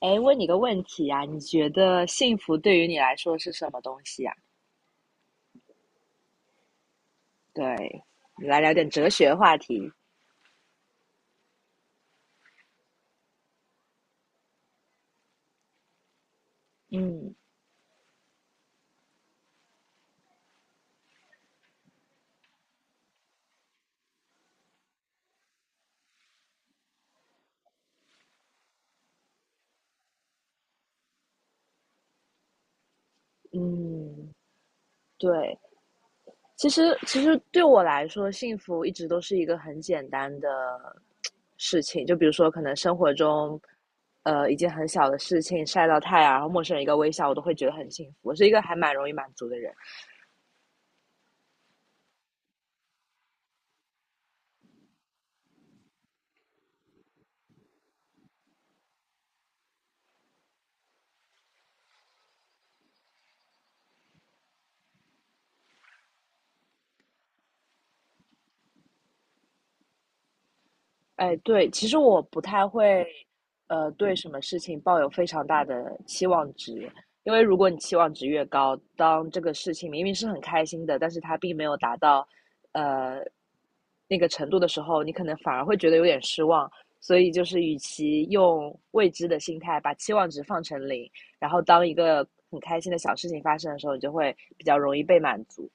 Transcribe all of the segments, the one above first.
哎，问你个问题啊，你觉得幸福对于你来说是什么东西啊？对，你来聊点哲学话题。嗯嗯，对，其实对我来说，幸福一直都是一个很简单的事情。就比如说，可能生活中，一件很小的事情，晒到太阳，然后陌生人一个微笑，我都会觉得很幸福。我是一个还蛮容易满足的人。哎，对，其实我不太会，对什么事情抱有非常大的期望值，因为如果你期望值越高，当这个事情明明是很开心的，但是它并没有达到，呃，那个程度的时候，你可能反而会觉得有点失望。所以就是，与其用未知的心态把期望值放成零，然后当一个很开心的小事情发生的时候，你就会比较容易被满足。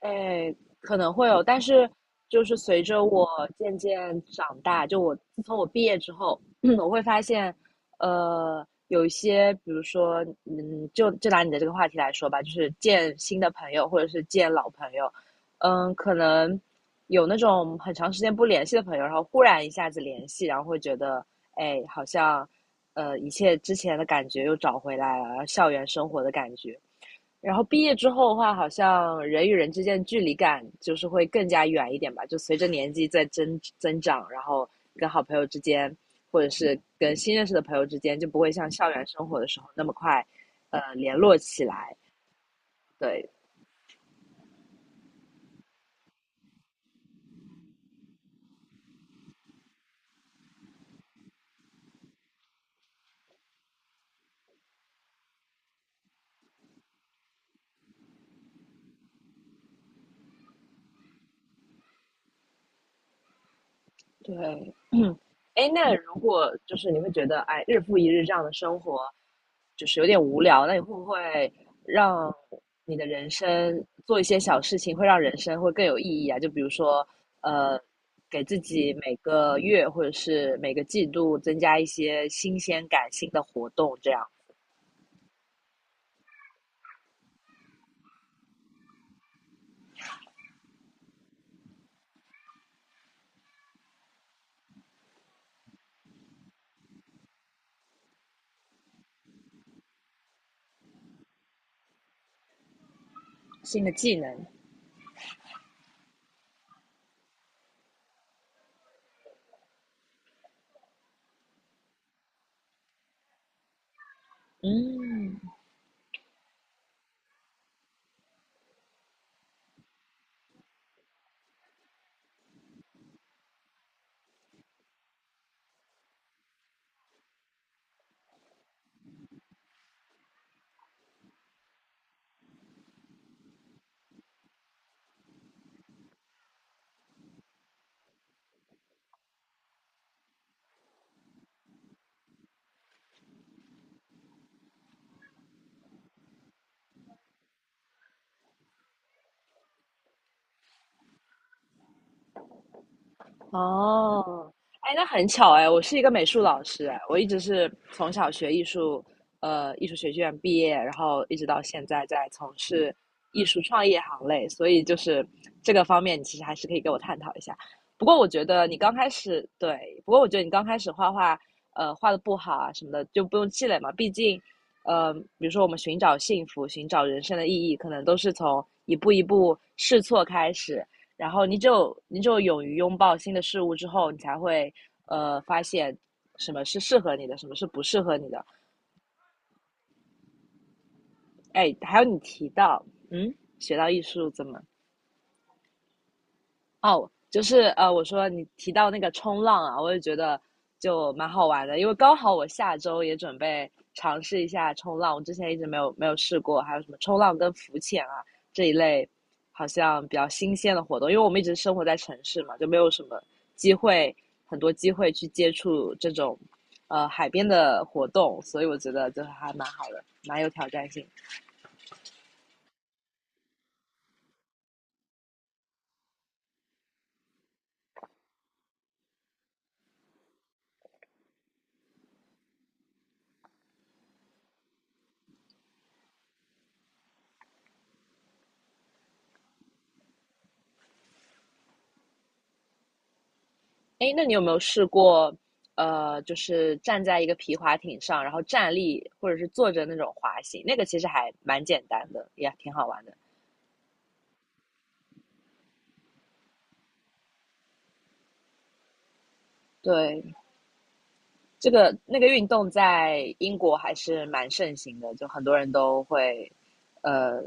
哎，可能会有，但是就是随着我渐渐长大，就我自从我毕业之后，我会发现，有一些，比如说，嗯，就拿你的这个话题来说吧，就是见新的朋友或者是见老朋友，嗯，可能有那种很长时间不联系的朋友，然后忽然一下子联系，然后会觉得，哎，好像，一切之前的感觉又找回来了，然后校园生活的感觉，然后毕业之后的话，好像人与人之间的距离感就是会更加远一点吧。就随着年纪在增长，然后跟好朋友之间，或者是跟新认识的朋友之间，就不会像校园生活的时候那么快，联络起来。对，对，哎，那如果就是你会觉得，哎，日复一日这样的生活，就是有点无聊，那你会不会让你的人生做一些小事情，会让人生会更有意义啊？就比如说，呃，给自己每个月或者是每个季度增加一些新鲜感、新的活动，这样新的技能。嗯哦，哎，那很巧哎，我是一个美术老师哎，我一直是从小学艺术，艺术学院毕业，然后一直到现在在从事艺术创业行类，所以就是这个方面，你其实还是可以给我探讨一下。不过我觉得你刚开始，对，不过我觉得你刚开始画画，画的不好啊什么的，就不用气馁嘛，毕竟。比如说我们寻找幸福、寻找人生的意义，可能都是从一步一步试错开始，然后你只有勇于拥抱新的事物之后，你才会发现什么是适合你的，什么是不适合你的。哎，还有你提到，嗯，学到艺术怎么哦，就是我说你提到那个冲浪啊，我也觉得就蛮好玩的，因为刚好我下周也准备尝试一下冲浪，我之前一直没有试过，还有什么冲浪跟浮潜啊这一类，好像比较新鲜的活动，因为我们一直生活在城市嘛，就没有什么机会，很多机会去接触这种海边的活动，所以我觉得就是还蛮好的，蛮有挑战性的。哎，那你有没有试过，就是站在一个皮划艇上，然后站立或者是坐着那种滑行？那个其实还蛮简单的，也挺好玩的。对，这个那个运动在英国还是蛮盛行的，就很多人都会，呃，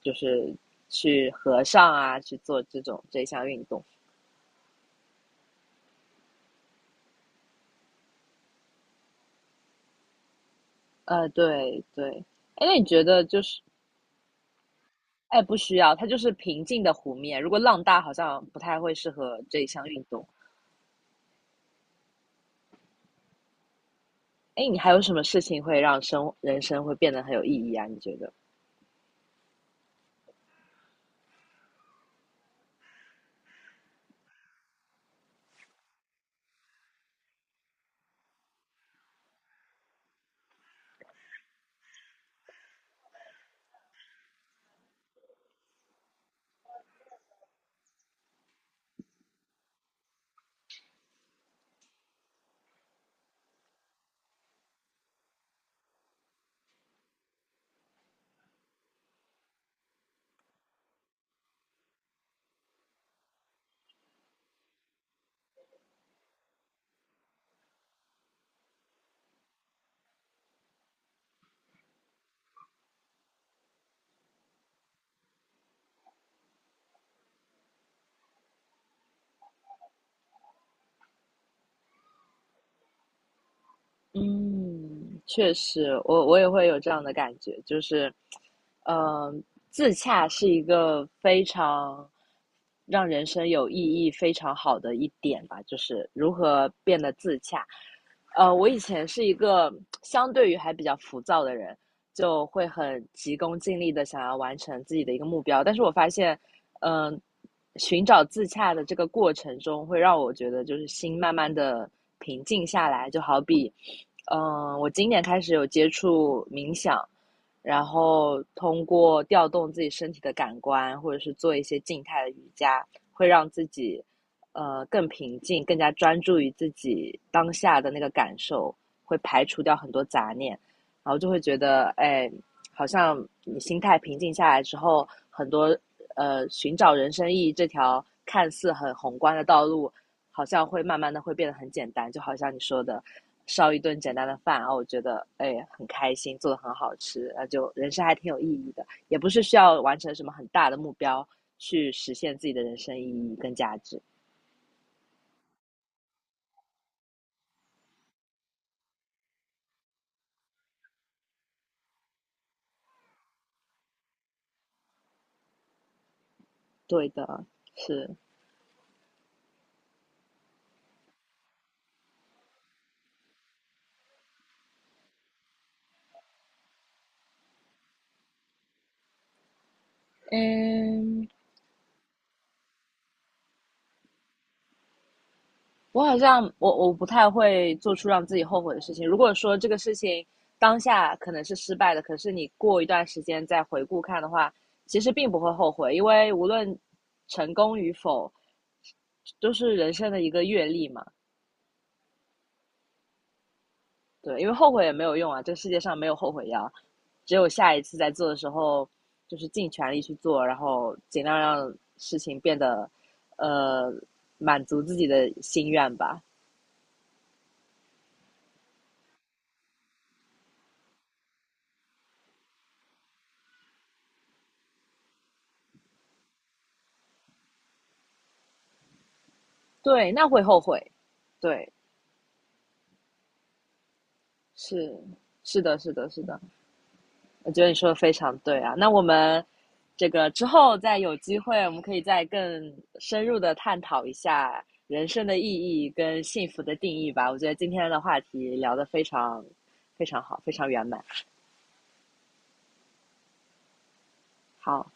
就是去河上啊，去做这种这项运动。对对。哎，那你觉得就是，哎，不需要，它就是平静的湖面，如果浪大，好像不太会适合这一项运动。哎，你还有什么事情会让生人生会变得很有意义啊？你觉得？嗯，确实，我也会有这样的感觉，就是，嗯、自洽是一个非常让人生有意义、非常好的一点吧，就是如何变得自洽。我以前是一个相对于还比较浮躁的人，就会很急功近利的想要完成自己的一个目标。但是我发现，嗯、呃寻找自洽的这个过程中，会让我觉得就是心慢慢的平静下来。就好比，嗯、我今年开始有接触冥想，然后通过调动自己身体的感官，或者是做一些静态的瑜伽，会让自己更平静，更加专注于自己当下的那个感受，会排除掉很多杂念。然后就会觉得，哎，好像你心态平静下来之后，很多寻找人生意义这条看似很宏观的道路，好像会慢慢的会变得很简单，就好像你说的。烧一顿简单的饭，然后我觉得哎很开心，做的很好吃，那就人生还挺有意义的，也不是需要完成什么很大的目标去实现自己的人生意义跟价值。对的，是，嗯，我好像我不太会做出让自己后悔的事情。如果说这个事情当下可能是失败的，可是你过一段时间再回顾看的话，其实并不会后悔，因为无论成功与否，都是人生的一个阅历嘛。对，因为后悔也没有用啊，这个世界上没有后悔药，只有下一次在做的时候，就是尽全力去做，然后尽量让事情变得呃满足自己的心愿吧。对，那会后悔，对。是是的，是的，是的，我觉得你说的非常对啊。那我们这个之后再有机会，我们可以再更深入的探讨一下人生的意义跟幸福的定义吧。我觉得今天的话题聊得非常非常好，非常圆满。好，